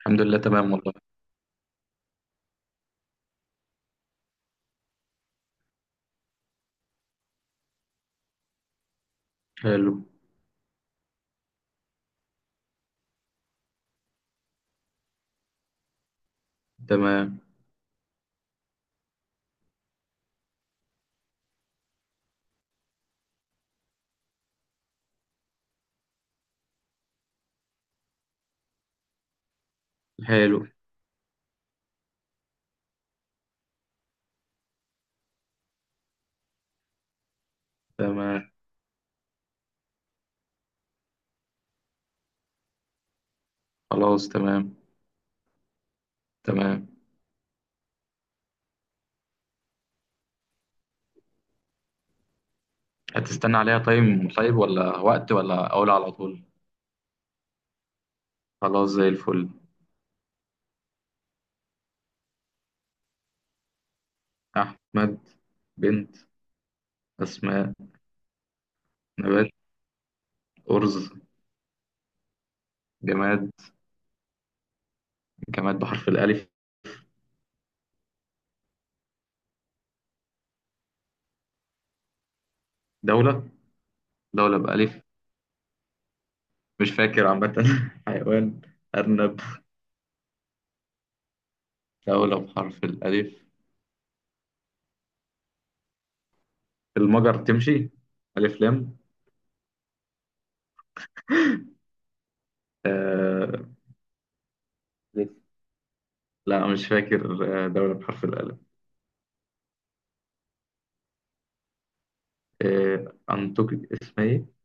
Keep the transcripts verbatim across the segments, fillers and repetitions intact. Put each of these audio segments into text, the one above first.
الحمد لله، تمام والله. حلو. تمام. حلو. تمام. خلاص، تمام. تمام. هتستنى عليها تايم طيب، ولا وقت، ولا أقول على طول؟ خلاص، زي الفل. أحمد. بنت أسماء. نبات أرز. جماد، جماد بحرف الألف. دولة، دولة بألف. مش فاكر عامة. حيوان أرنب. دولة بحرف الألف، المجر تمشي؟ ألف لام. آه... لا، مش فاكر. آه، دولة بحرف الألف. آه، أنطوكيا، اسمها إيه؟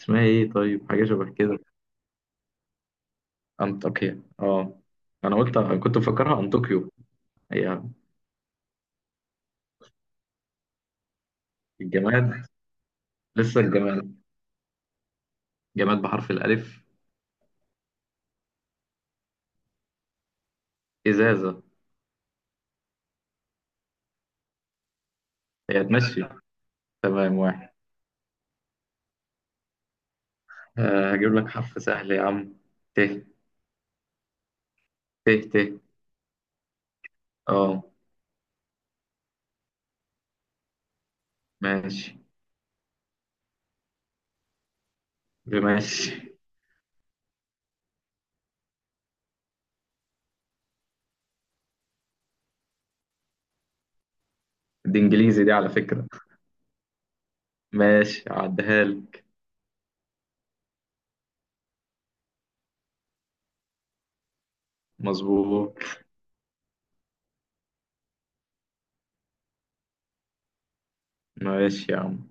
اسمها إيه طيب؟ حاجة شبه كده. أنطاكيا، أه. أنا قلت، كنت مفكرها أنطوكيو. هي. الجماد، لسه الجماد. جماد بحرف الألف. إزازة. هي تمشي. تمام، واحد. آه، هجيب لك حرف سهل يا عم. ت. ت ت. أه. ماشي، ماشي. دي إنجليزي دي، على فكرة. ماشي، عديها لك. مظبوط. ماشي يا عم.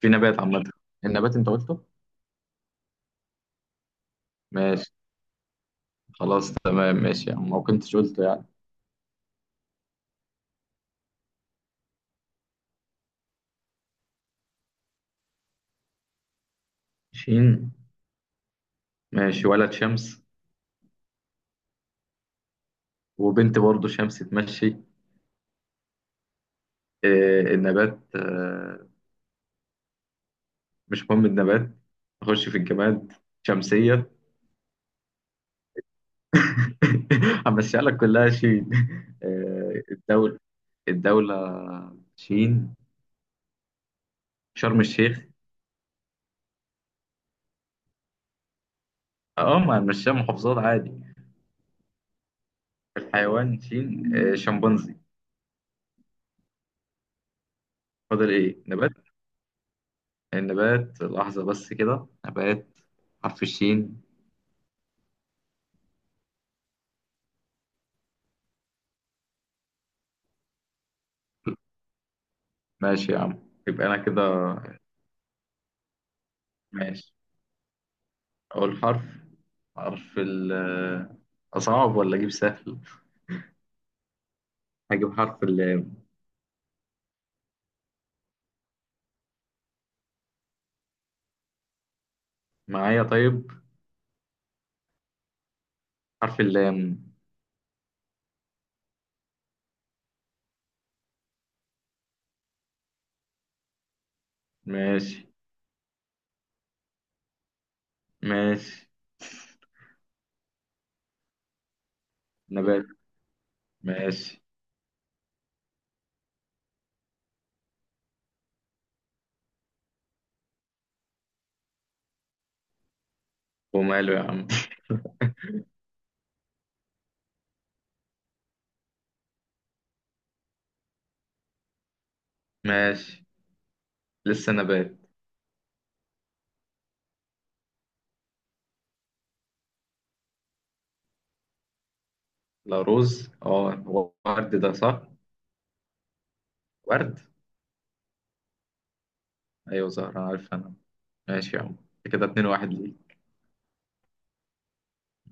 في نبات عامة. النبات أنت قلته؟ ماشي. خلاص، تمام، ماشي يا عم، ما كنتش قلته يعني. شين. ماشي، ولد شمس. وبنت برضه شمس تمشي. آه، النبات، آه، مش مهم النبات. نخش في الجماد. شمسية. همشيها لك كلها شين. آه، الدولة. الدولة، شين، شرم الشيخ. اه، ما هنمشيها محافظات عادي. الحيوان شين، آه، شمبانزي. فاضل ايه نبات؟ النبات لحظة بس، كده نبات حرف الشين. ماشي يا عم. يبقى انا كده. ماشي. أقول حرف. حرف ال أصعب ولا أجيب سهل؟ هجيب حرف اللام. معايا طيب. حرف اللام. ماشي. ماشي. نبات. ماشي. وماله يا عم. ماشي. لسه نبات. لا، رز، اه هو ورد، ده صح. ورد. ايوه، زهرة، عارف انا. ماشي يا عم. كده اتنين واحد ليه.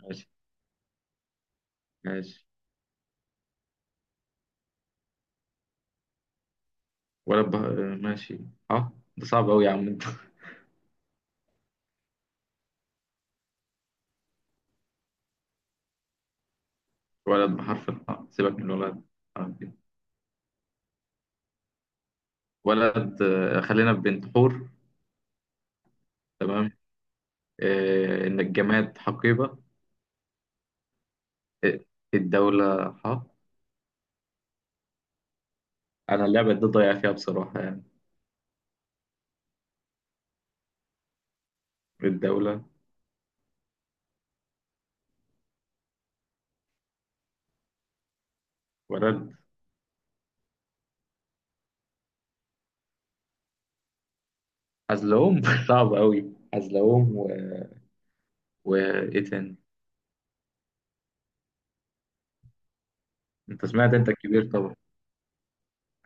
ماشي. ماشي. ولد بح... ماشي. اه، ده صعب أوي يا عم انت. ولد بحرف الحاء، سيبك من الولد. حرف إيه. ولد، آه، خلينا في بنت، حور. تمام. آه، إن الجماد حقيبة. آه، الدولة حق. أنا اللعبة دي ضايع فيها بصراحة يعني. الدولة. ولد حزلقوم. صعب أوي، حزلقوم و... وإيه تاني؟ أنت سمعت، أنت الكبير طبعا.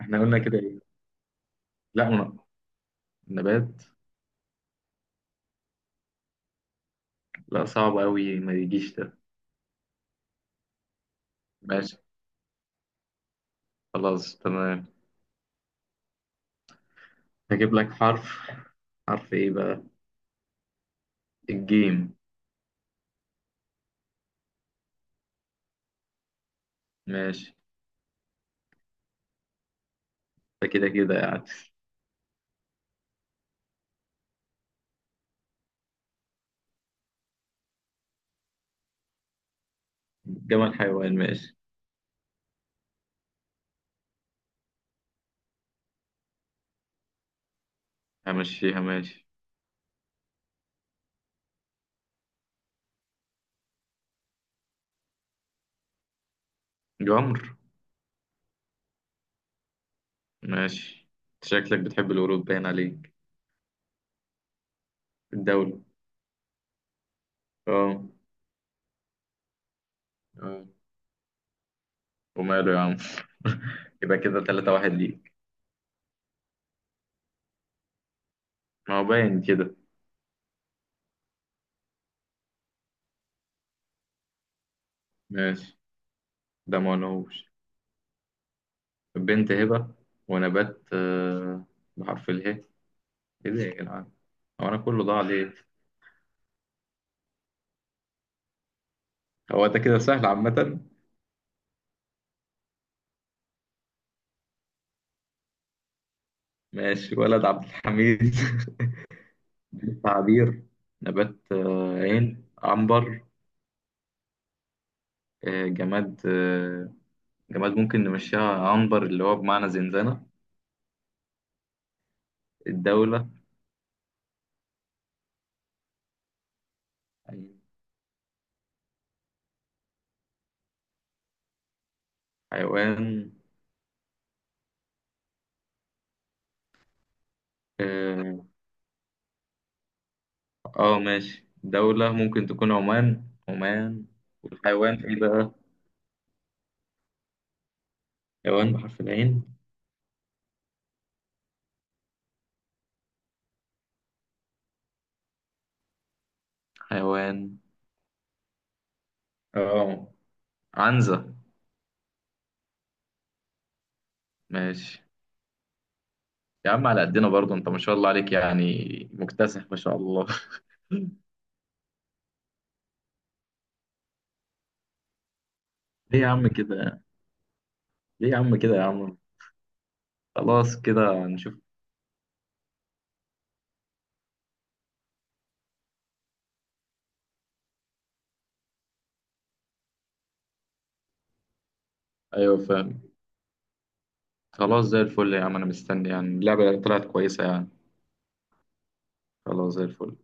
إحنا قلنا كده إيه؟ لا من... نبات، لا صعب أوي ما يجيش ده. ماشي. خلاص تمام. هجيب لك حرف. حرف إيه بقى؟ الجيم. ماشي. ده كده كده يعني. جمال حيوان، ماشي. همشيها ماشي. جمر. ماشي. شكلك بتحب القرود، باين عليك. الدولة. اه. اه، وماله يا عم. يبقى كده تلاتة واحد ليك. ما هو باين كده. ماشي. ده ما قلناهوش. بنت هبة. ونبات، آه، بحرف اله ايه ده يا جدعان؟ هو انا كله ضاع ليه؟ هو ده كده سهل عامة. ماشي، ولد عبد الحميد. بنت عبير. نبات، آه، عين، عنبر. آه، جماد، آه، جماد ممكن نمشيها عنبر، اللي هو بمعنى زنزانة. الدولة. حيوان. اه. آه، ماشي، دولة ممكن تكون عمان. عمان. والحيوان ايه بقى؟ حيوان بحرف العين. حيوان. اه. عنزة. ماشي يا عم، على قدنا برضه انت، ما شاء الله عليك يعني. مكتسح، ما شاء الله. ليه يا عم كده؟ ليه يا عم كده يا عم؟ خلاص كده هنشوف. ايوه، فاهم. خلاص، زي الفل يا عم، انا مستني، يعني اللعبة طلعت كويسة يعني. خلاص، زي الفل.